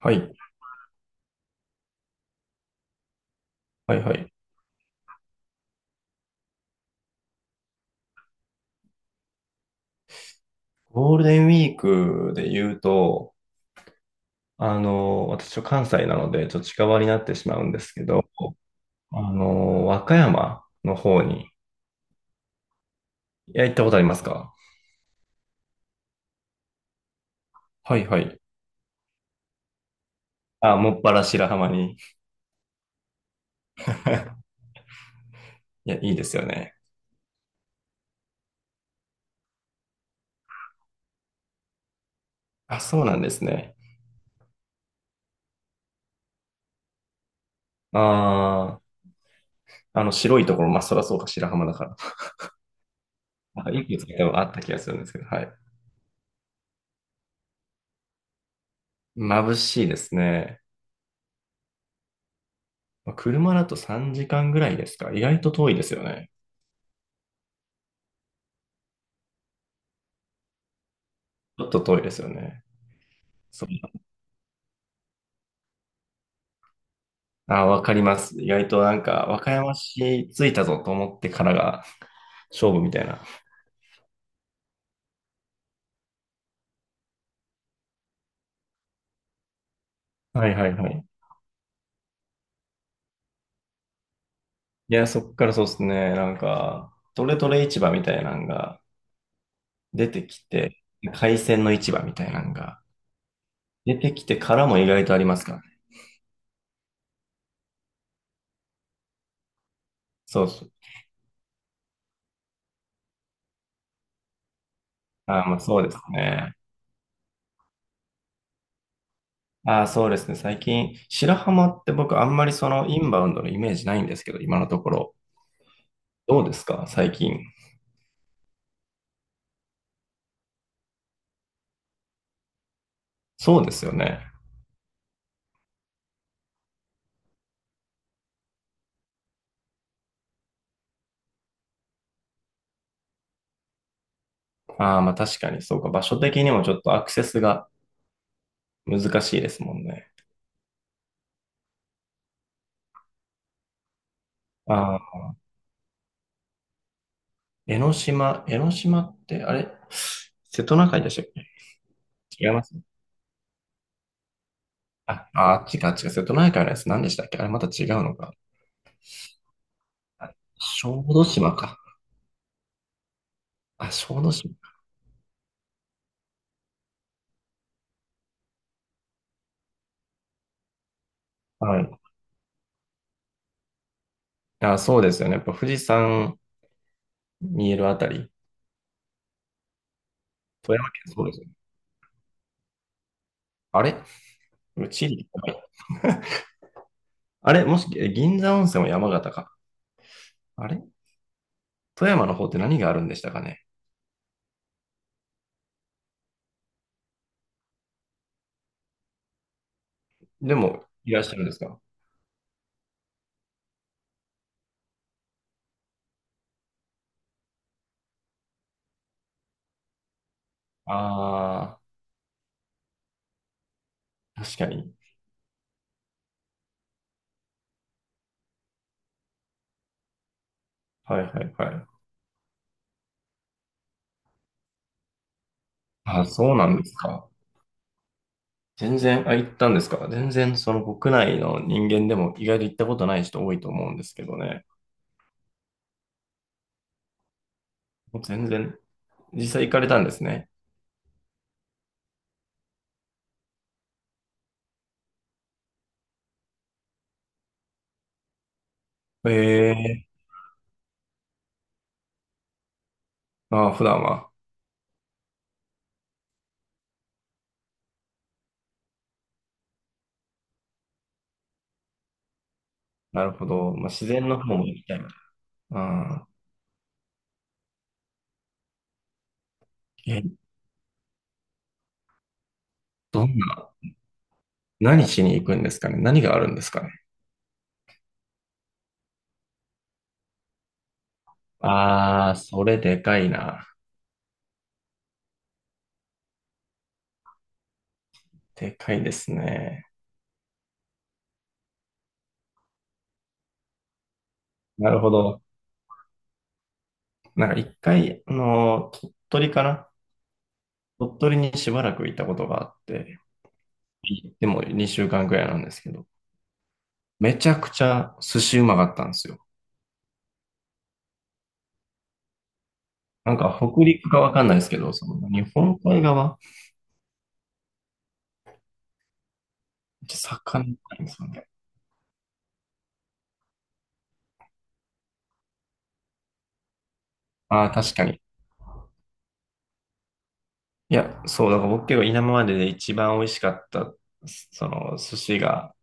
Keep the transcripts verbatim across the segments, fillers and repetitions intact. はい。はいはい。ゴールデンウィークで言うと、あの、私は関西なので、ちょっと近場になってしまうんですけど、あの、和歌山の方に、いや、行ったことありますか？はいはい。あ、もっぱら白浜に。いや、いいですよね。あ、そうなんですね。ああ、あの、白いところ、まあ、そらそうか、白浜だから。なんかいくつか多分あった気がするんですけど、はい。眩しいですね。まあ車だとさんじかんぐらいですか？意外と遠いですよね。ちょっと遠いですよね。そう。あ、わかります。意外となんか、和歌山市着いたぞと思ってからが勝負みたいな。はいはいはい。いや、そっからそうですね。なんか、トレトレ市場みたいなのが出てきて、海鮮の市場みたいなのが出てきてからも意外とありますからね。そうそう。あ、まあそうですね。あ、そうですね。最近、白浜って僕あんまりそのインバウンドのイメージないんですけど、今のところ。どうですか最近？そうですよね。ああ、まあ確かに、そうか。場所的にもちょっとアクセスが難しいですもんね。ああ、江ノ島、江ノ島って、あれ瀬戸内海でしたっけ？違いますね。あ、あ、違う違う。瀬戸内海のやつ何でしたっけ？あれまた違うのか。あ、小豆島か。あ、小豆島。はい。あ、そうですよね。やっぱ富士山見えるあたり。富山県そうですよね。あれチリ。あれもし、え銀座温泉は山形か。あれ富山の方って何があるんでしたかね？でも、いらっしゃるんですか？ああー、確かに。はいはいはい。あ、そうなんですか。全然、あ、行ったんですか？全然、その国内の人間でも意外と行ったことない人多いと思うんですけどね。もう全然、実際行かれたんですね。ええーああ、普段は。なるほど。まあ、自然の方も行きたいな。ああ、え、どんな、何しに行くんですかね？何があるんですかね？ああ、それでかいな。でかいですね。なるほど。なんか一回、あの、鳥取かな？鳥取にしばらくいたことがあって、でもにしゅうかんくらいなんですけど、めちゃくちゃ寿司うまかったんですよ。なんか北陸かわかんないですけど、その日本海側、魚ないんですかね？ああ、確かに。いや、そう、だから僕結構今までで一番美味しかった、その寿司が、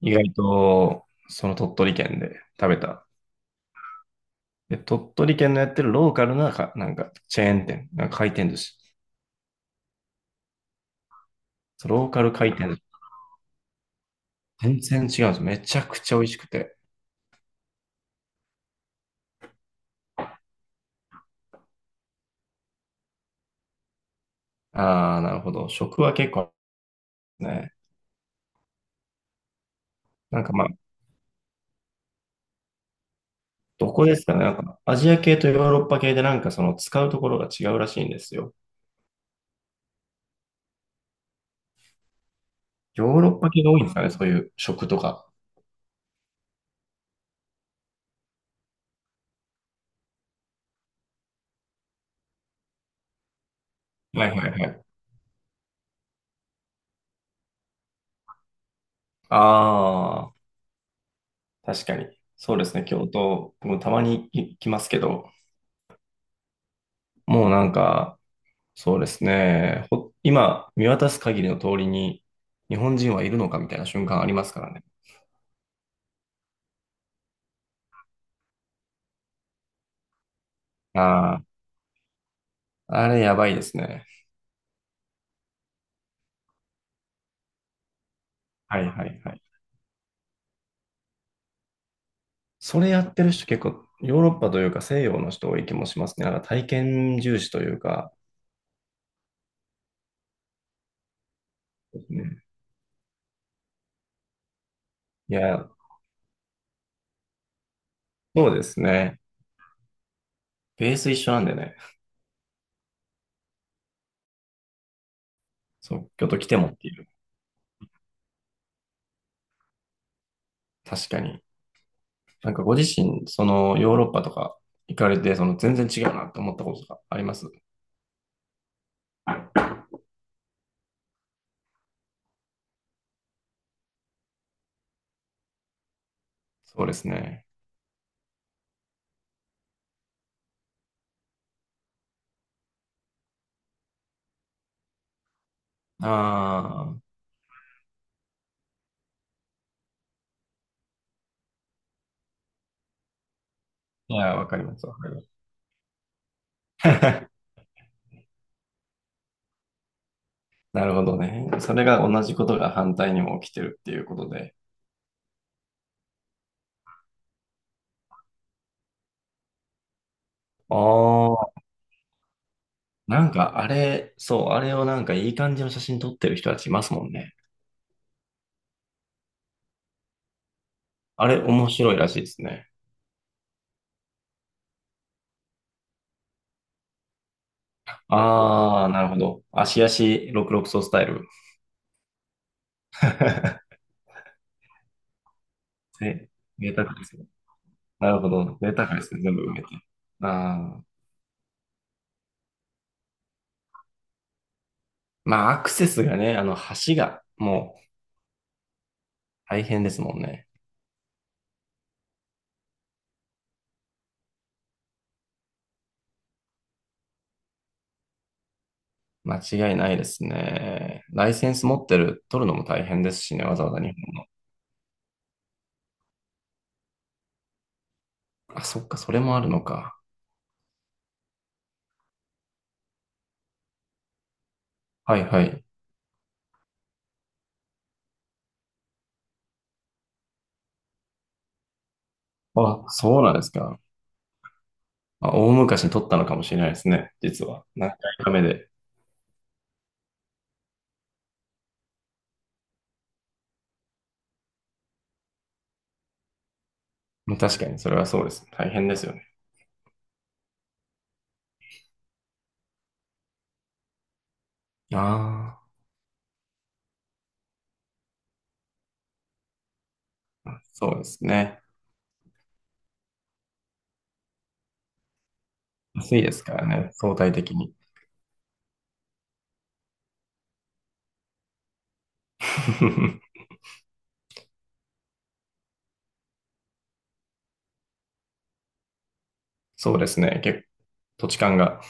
意外と、その鳥取県で食べた。で、鳥取県のやってるローカルなか、なんかチェーン店、なんか回転寿司。そうローカル回転寿司。全然違うんです。めちゃくちゃ美味しくて。ああ、なるほど。食は結構ね。なんかまあ、どこですかねなんか、アジア系とヨーロッパ系でなんかその使うところが違うらしいんですよ。ヨーロッパ系が多いんですかね？そういう食とか。はいはいはい。ああ、確かに。そうですね。京都、僕もたまに行きますけど、もうなんか、そうですね。ほ今、見渡す限りの通りに、日本人はいるのかみたいな瞬間ありますからね。ああ、あれやばいですね。はいはいはい。それやってる人結構、ヨーロッパというか西洋の人多い気もしますね。なんか体験重視というか、うん、いや、そうですね。ベース一緒なんでね。そう、京都来てもっていう。確かに。なんかご自身、そのヨーロッパとか行かれて、その全然違うなと思ったことがありますそうですね。ああ、いや、わかります、わかります。なるほどね。それが同じことが反対にも起きてるっていうことで。ああ、なんかあれ、そう、あれをなんかいい感じの写真撮ってる人たちいますもんね。あれ面白いらしいですね。ああ、なるほど。足足ろくじゅうろくソスタイル。ぜ、贅沢ですね。なるほど。贅沢ですね。全部埋めて。あー、まあ、アクセスがね、あの、橋がもう大変ですもんね。間違いないですね。ライセンス持ってる、取るのも大変ですしね、わざわざ日本。あ、そっか、それもあるのか。はいはい。あ、そうなんですか。まあ、大昔に取ったのかもしれないですね、実は。何回か目で。うん、確かに、それはそうですね。大変ですよね。ああ、そうですね。安いですからね、相対的に。そうですね。結土地勘が。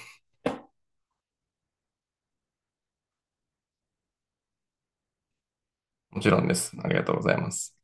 もちろんです。ありがとうございます。